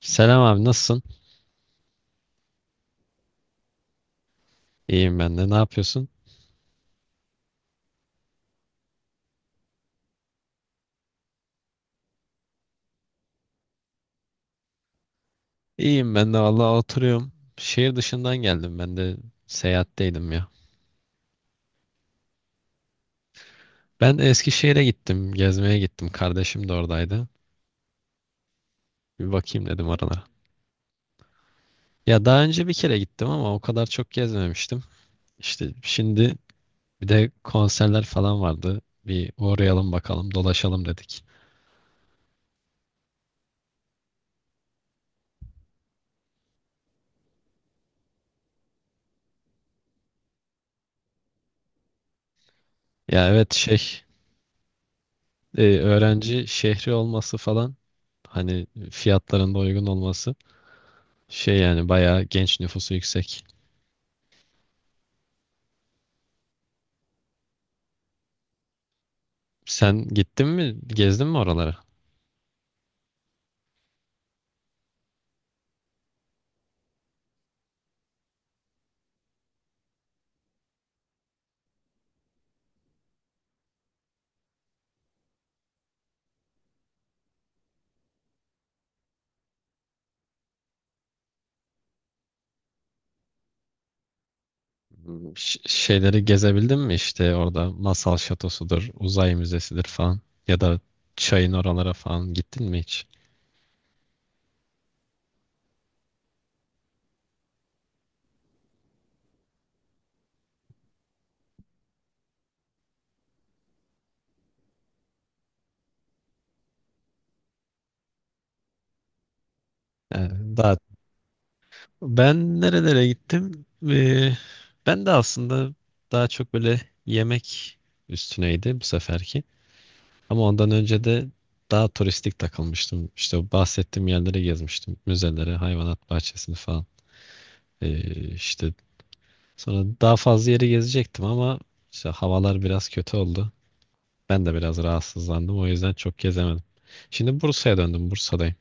Selam abi, nasılsın? İyiyim ben de. Ne yapıyorsun? İyiyim ben de, vallahi oturuyorum. Şehir dışından geldim. Ben de seyahatteydim ya. Ben de Eskişehir'e gittim. Gezmeye gittim. Kardeşim de oradaydı. Bir bakayım dedim oralara. Ya daha önce bir kere gittim ama o kadar çok gezmemiştim. İşte şimdi bir de konserler falan vardı. Bir uğrayalım bakalım, dolaşalım dedik. Ya evet, öğrenci şehri olması falan, hani fiyatların da uygun olması, şey yani bayağı genç nüfusu yüksek. Sen gittin mi? Gezdin mi oraları? Hmm, şeyleri gezebildin mi işte orada? Masal şatosudur, uzay müzesidir falan, ya da çayın oralara falan gittin mi hiç? Yani daha ben nerelere gittim? Ee, ben de aslında daha çok böyle yemek üstüneydi bu seferki. Ama ondan önce de daha turistik takılmıştım. İşte o bahsettiğim yerleri gezmiştim. Müzeleri, hayvanat bahçesini falan. İşte sonra daha fazla yeri gezecektim ama işte havalar biraz kötü oldu. Ben de biraz rahatsızlandım. O yüzden çok gezemedim. Şimdi Bursa'ya döndüm. Bursa'dayım.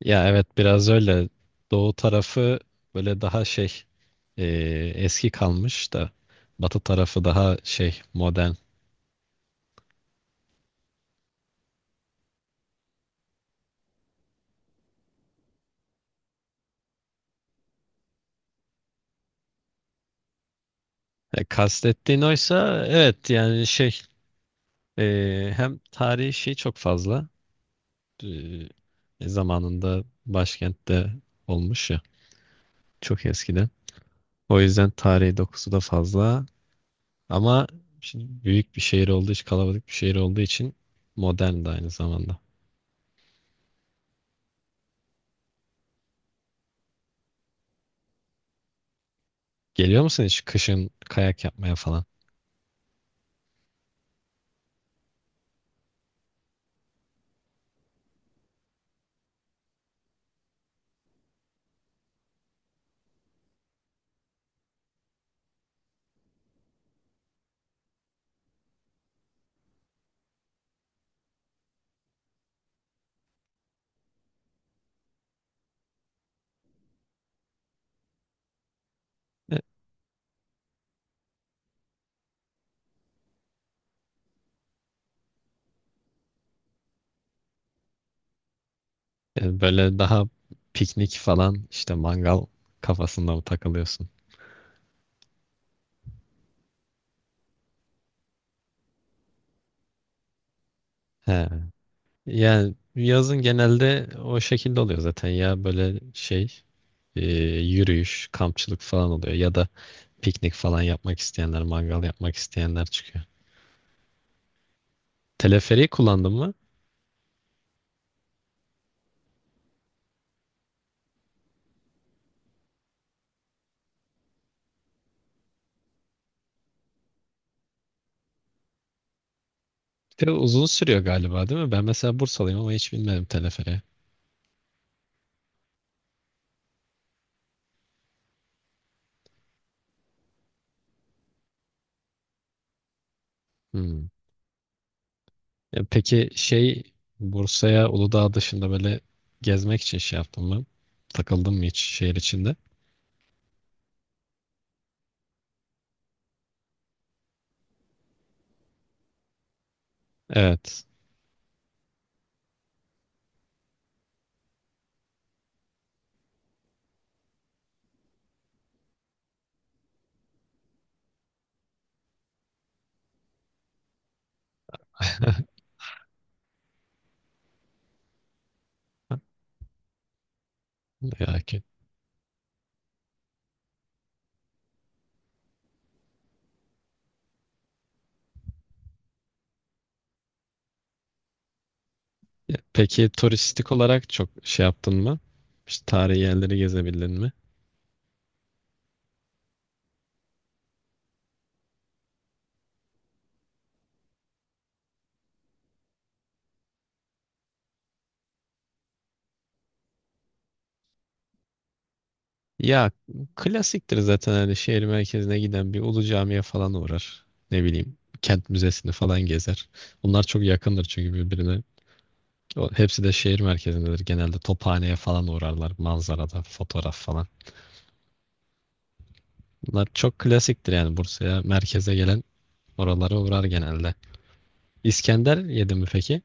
Ya evet, biraz öyle. Doğu tarafı böyle daha e, eski kalmış da batı tarafı daha şey, modern. E, kastettiğin oysa evet, yani e, hem tarihi şey çok fazla. E, zamanında başkentte olmuş ya, çok eskiden. O yüzden tarihi dokusu da fazla. Ama şimdi büyük bir şehir olduğu için, kalabalık bir şehir olduğu için modern de aynı zamanda. Geliyor musun hiç kışın kayak yapmaya falan? E, Böyle daha piknik falan, işte mangal kafasında mı takılıyorsun? He. Yani yazın genelde o şekilde oluyor zaten ya, böyle e, yürüyüş, kampçılık falan oluyor ya da piknik falan yapmak isteyenler, mangal yapmak isteyenler çıkıyor. Teleferiği kullandın mı? Bir de uzun sürüyor galiba, değil mi? Ben mesela Bursalıyım ama hiç bilmedim teleferiği. Hmm. Ya peki şey, Bursa'ya Uludağ dışında böyle gezmek için şey yaptın mı? Takıldın mı hiç şehir içinde? Evet. Ya ki. Ya peki, turistik olarak çok şey yaptın mı? İşte tarihi yerleri gezebildin mi? Ya klasiktir zaten, hani şehir merkezine giden bir Ulu Cami'ye falan uğrar. Ne bileyim, kent müzesini falan gezer. Bunlar çok yakındır çünkü birbirine. Hepsi de şehir merkezindedir. Genelde Tophane'ye falan uğrarlar. Manzarada fotoğraf falan. Bunlar çok klasiktir yani. Bursa'ya, merkeze gelen oralara uğrar genelde. İskender yedin mi peki?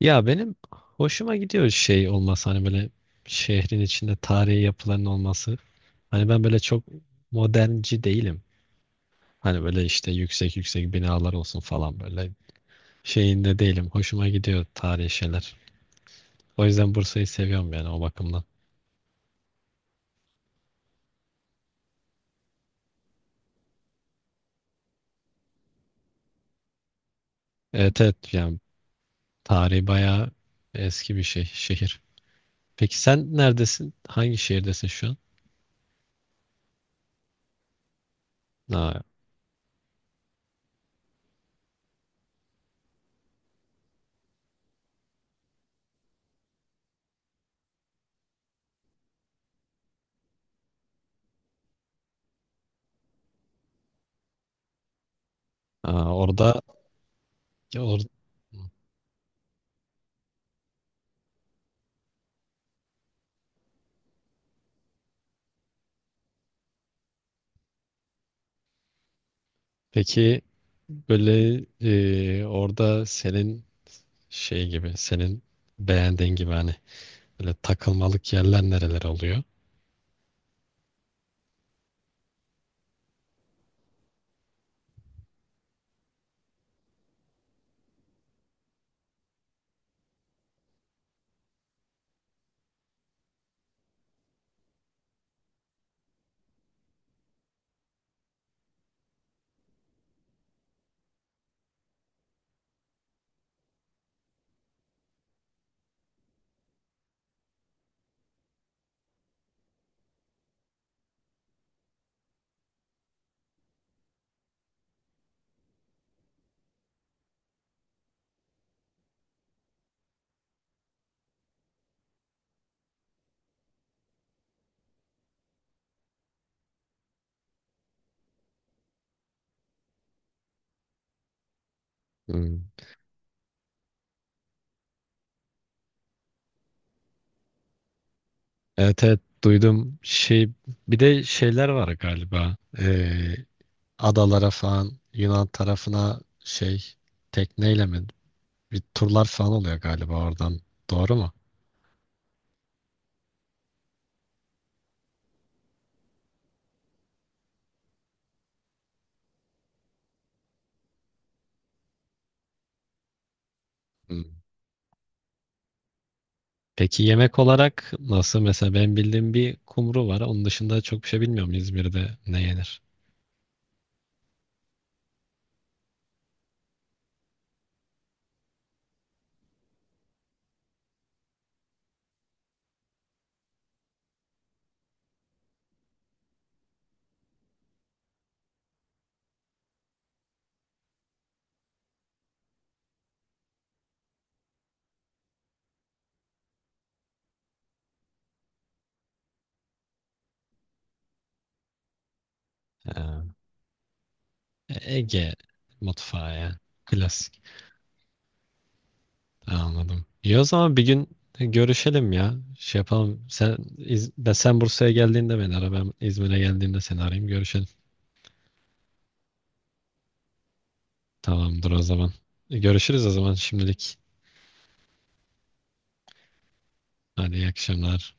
Ya benim hoşuma gidiyor şey olması, hani böyle şehrin içinde tarihi yapıların olması. Hani ben böyle çok modernci değilim. Hani böyle işte yüksek yüksek binalar olsun falan, böyle şeyinde değilim. Hoşuma gidiyor tarihi şeyler. O yüzden Bursa'yı seviyorum yani, o bakımdan. Evet evet, yani tarihi bayağı eski bir şey, şehir. Peki sen neredesin? Hangi şehirdesin şu an? Aa. Aa, orada or- peki böyle orada senin şey gibi, senin beğendiğin gibi, hani böyle takılmalık yerler nereler oluyor? Hmm. Evet evet duydum, şey, bir de şeyler var galiba. Adalara falan, Yunan tarafına şey, tekneyle mi bir turlar falan oluyor galiba oradan, doğru mu? Peki yemek olarak nasıl? Mesela ben bildiğim bir kumru var. Onun dışında çok bir şey bilmiyorum İzmir'de ne yenir. Ha, Ege mutfağı ya. Klasik. Anladım. İyi, o zaman bir gün görüşelim ya. Şey yapalım. Ben sen Bursa'ya geldiğinde beni ara. Ben İzmir'e geldiğinde seni arayayım. Görüşelim. Tamamdır o zaman. Görüşürüz o zaman, şimdilik. Hadi, iyi akşamlar.